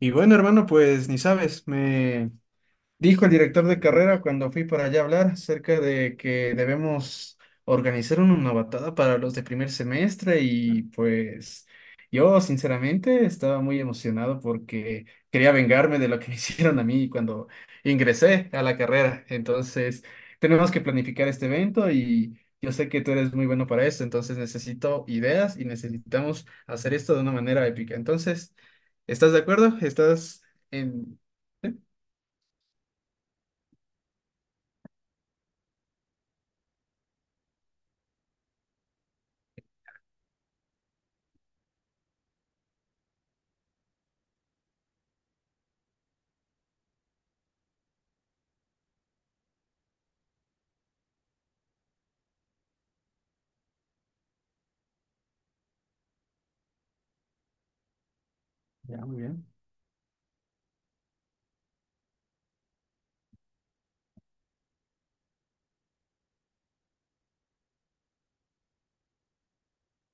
Y bueno, hermano, pues ni sabes, dijo el director de carrera cuando fui para allá a hablar acerca de que debemos organizar una novatada para los de primer semestre, y pues yo sinceramente estaba muy emocionado porque quería vengarme de lo que me hicieron a mí cuando ingresé a la carrera. Entonces tenemos que planificar este evento y yo sé que tú eres muy bueno para esto, entonces necesito ideas y necesitamos hacer esto de una manera épica. Entonces, ¿estás de acuerdo? En... Ya, muy bien.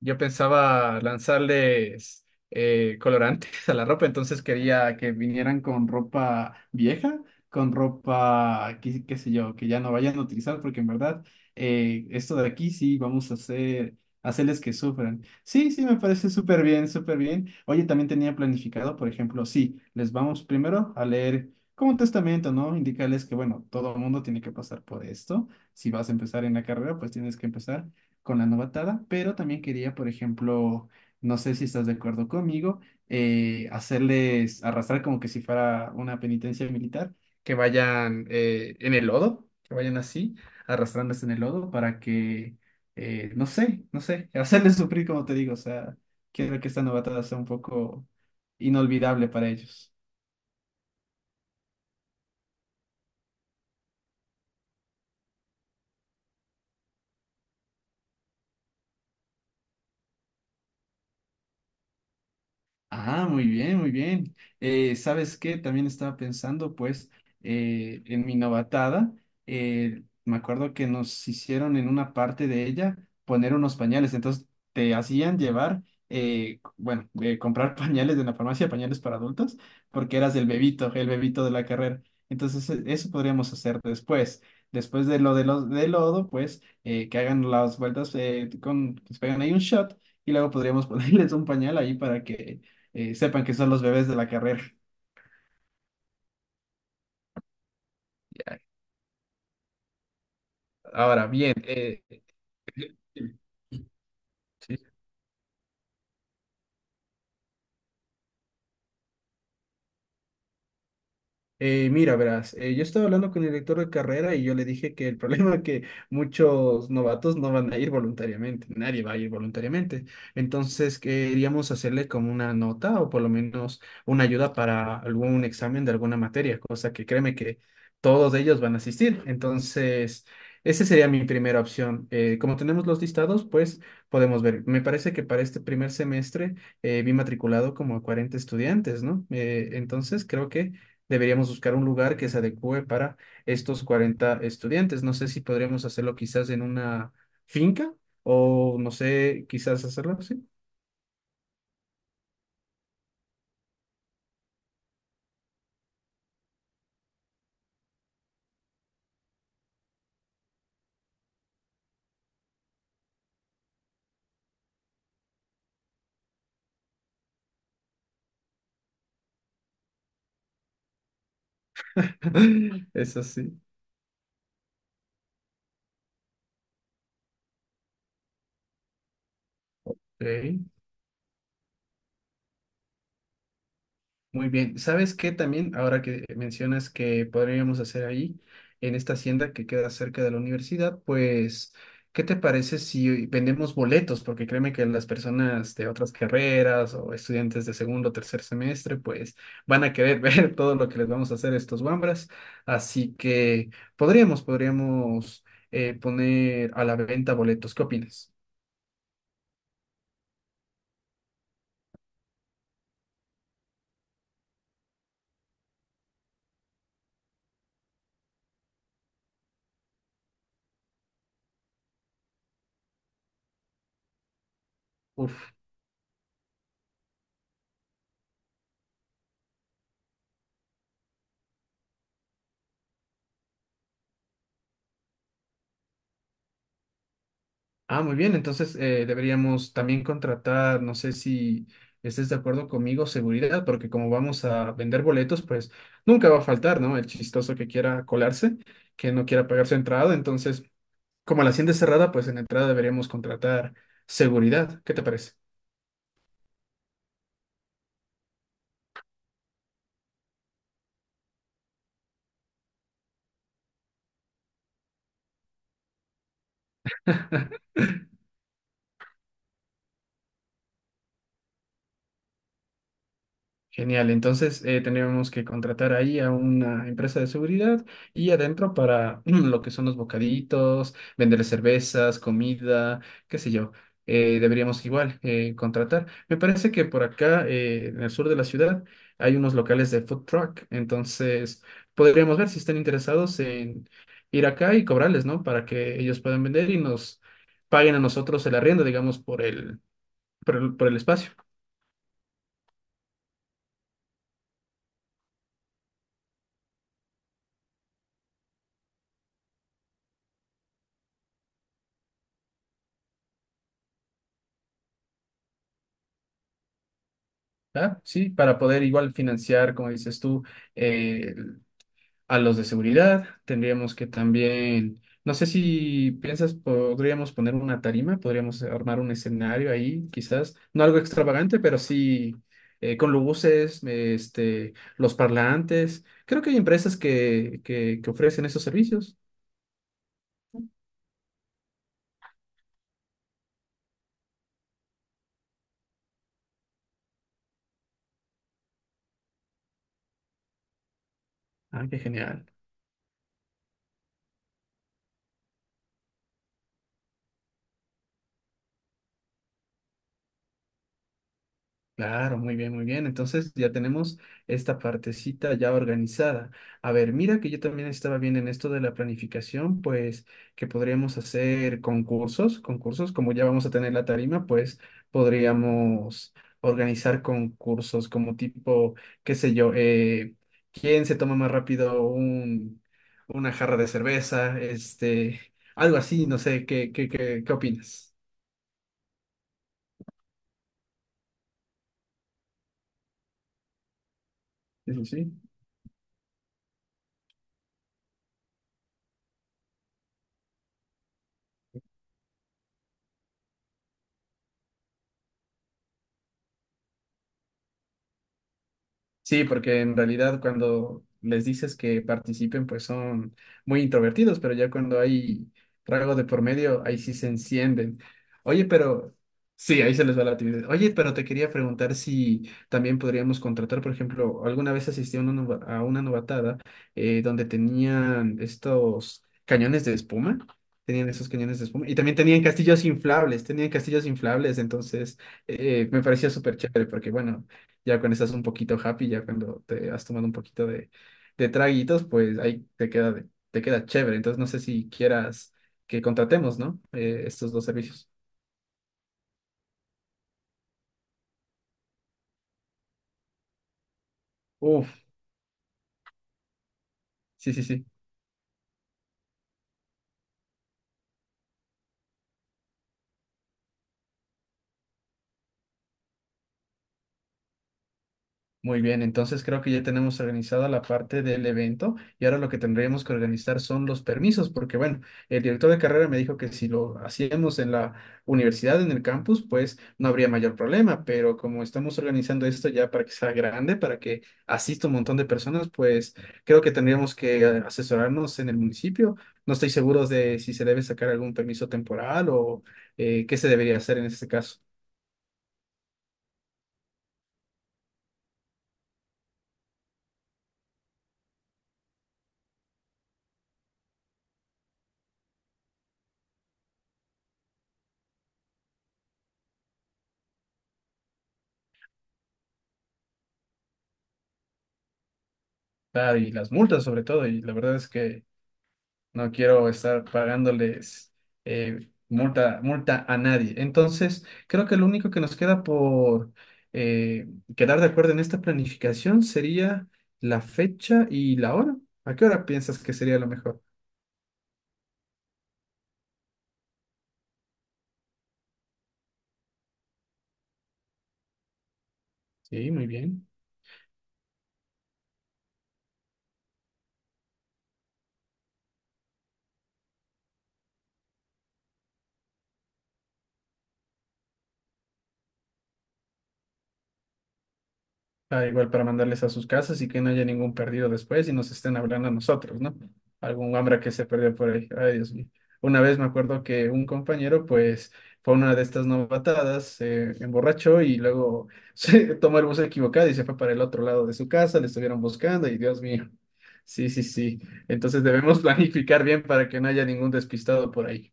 Yo pensaba lanzarles colorantes a la ropa, entonces quería que vinieran con ropa vieja, con ropa, qué sé yo, que ya no vayan a utilizar, porque en verdad esto de aquí sí vamos a hacerles que sufran. Sí, sí, me parece súper bien, súper bien. Oye, también tenía planificado, por ejemplo, sí, les vamos primero a leer como un testamento, ¿no? Indicarles que, bueno, todo el mundo tiene que pasar por esto. Si vas a empezar en la carrera, pues tienes que empezar con la novatada, pero también quería, por ejemplo, no sé si estás de acuerdo conmigo, hacerles arrastrar como que si fuera una penitencia militar, que vayan en el lodo, que vayan así, arrastrándose en el lodo para que, no sé, no sé, hacerles sufrir como te digo, o sea, quiero que esta novatada sea un poco inolvidable para ellos. Ah, muy bien, muy bien. ¿Sabes qué? También estaba pensando, pues, en mi novatada. Eh, me acuerdo que nos hicieron en una parte de ella poner unos pañales. Entonces, te hacían llevar, bueno, comprar pañales de la farmacia, pañales para adultos, porque eras el bebito de la carrera. Entonces, eso podríamos hacer después. Después de lo de los de lodo, pues, que hagan las vueltas, que se pegan ahí un shot. Y luego podríamos ponerles un pañal ahí para que sepan que son los bebés de la carrera. Ya. Ahora, bien, sí. Mira, verás, yo estaba hablando con el director de carrera y yo le dije que el problema es que muchos novatos no van a ir voluntariamente, nadie va a ir voluntariamente. Entonces, queríamos hacerle como una nota o por lo menos una ayuda para algún examen de alguna materia, cosa que créeme que todos ellos van a asistir. Entonces, esa sería mi primera opción. Como tenemos los listados, pues podemos ver. Me parece que para este primer semestre vi matriculado como a 40 estudiantes, ¿no? Entonces, creo que deberíamos buscar un lugar que se adecue para estos 40 estudiantes. No sé si podríamos hacerlo quizás en una finca o no sé, quizás hacerlo así. Eso sí. Ok. Muy bien. ¿Sabes qué también, ahora que mencionas que podríamos hacer ahí, en esta hacienda que queda cerca de la universidad, pues, qué te parece si vendemos boletos? Porque créeme que las personas de otras carreras o estudiantes de segundo o tercer semestre, pues, van a querer ver todo lo que les vamos a hacer a estos wambras. Así que podríamos poner a la venta boletos. ¿Qué opinas? Uf. Ah, muy bien, entonces deberíamos también contratar, no sé si estés de acuerdo conmigo, seguridad, porque como vamos a vender boletos, pues nunca va a faltar, ¿no? El chistoso que quiera colarse, que no quiera pagar su entrada, entonces como la hacienda es cerrada, pues en la entrada deberíamos contratar seguridad, ¿qué te parece? Genial, entonces tenemos que contratar ahí a una empresa de seguridad y adentro para lo que son los bocaditos, vender cervezas, comida, qué sé yo. Deberíamos igual contratar. Me parece que por acá, en el sur de la ciudad, hay unos locales de food truck, entonces podríamos ver si están interesados en ir acá y cobrarles, ¿no? Para que ellos puedan vender y nos paguen a nosotros el arriendo, digamos, por el espacio. Ah, sí, para poder igual financiar, como dices tú, eh, a los de seguridad, tendríamos que también, no sé si piensas, podríamos poner una tarima, podríamos armar un escenario ahí, quizás, no algo extravagante, pero sí con luces, este, los parlantes. Creo que hay empresas que ofrecen esos servicios. Ah, qué genial. Claro, muy bien, muy bien. Entonces ya tenemos esta partecita ya organizada. A ver, mira que yo también estaba bien en esto de la planificación, pues que podríamos hacer concursos, como ya vamos a tener la tarima, pues podríamos organizar concursos como tipo, qué sé yo, quién se toma más rápido una jarra de cerveza, este, algo así, no sé, ¿ qué opinas? Sí, sí. Sí, porque en realidad cuando les dices que participen, pues son muy introvertidos, pero ya cuando hay trago de por medio, ahí sí se encienden. Oye, pero sí, ahí se les va la timidez. Oye, pero te quería preguntar si también podríamos contratar, por ejemplo, alguna vez asistí a una, a una novatada donde tenían estos cañones de espuma. Tenían esos cañones de espuma y también tenían castillos inflables, entonces me parecía súper chévere porque, bueno, ya cuando estás un poquito happy, ya cuando te has tomado un poquito de traguitos, pues ahí te queda, te queda chévere. Entonces no sé si quieras que contratemos, ¿no? Estos dos servicios. Uf, sí, sí, sí. Muy bien, entonces creo que ya tenemos organizada la parte del evento y ahora lo que tendríamos que organizar son los permisos, porque bueno, el director de carrera me dijo que si lo hacíamos en la universidad, en el campus, pues no habría mayor problema, pero como estamos organizando esto ya para que sea grande, para que asista un montón de personas, pues creo que tendríamos que asesorarnos en el municipio. No estoy seguro de si se debe sacar algún permiso temporal o qué se debería hacer en este caso. Ah, y las multas sobre todo, y la verdad es que... No quiero estar pagándoles multa a nadie. Entonces, creo que lo único que nos queda por eh, quedar de acuerdo en esta planificación sería la fecha y la hora. ¿A qué hora piensas que sería lo mejor? Sí, muy bien. Ah, igual para mandarles a sus casas y que no haya ningún perdido después y nos estén hablando a nosotros, ¿no? Algún hambra que se perdió por ahí. Ay, Dios mío. Una vez me acuerdo que un compañero, pues, fue a una de estas novatadas, se emborrachó y luego se tomó el bus equivocado y se fue para el otro lado de su casa, le estuvieron buscando y Dios mío. Sí, sí, sí. Entonces debemos planificar bien para que no haya ningún despistado por ahí.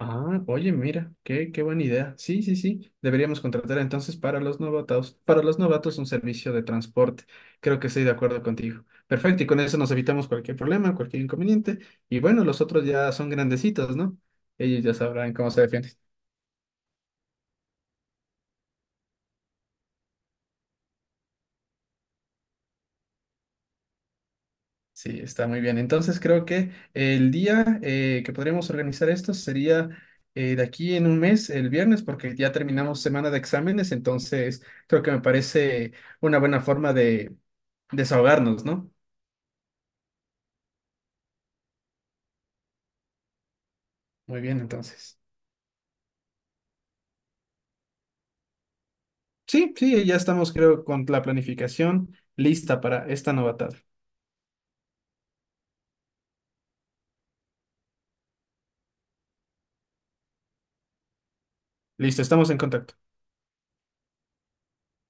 Ah, oye, mira, qué buena idea. Sí, sí, sí. Deberíamos contratar entonces para los novatos un servicio de transporte. Creo que estoy de acuerdo contigo. Perfecto, y con eso nos evitamos cualquier problema, cualquier inconveniente. Y bueno, los otros ya son grandecitos, ¿no? Ellos ya sabrán cómo se defienden. Sí, está muy bien. Entonces creo que el día que podríamos organizar esto sería de aquí en 1 mes, el viernes, porque ya terminamos semana de exámenes, entonces creo que me parece una buena forma de desahogarnos, ¿no? Muy bien, entonces. Sí, sí, ya estamos creo con la planificación lista para esta novatada. Listo, estamos en contacto.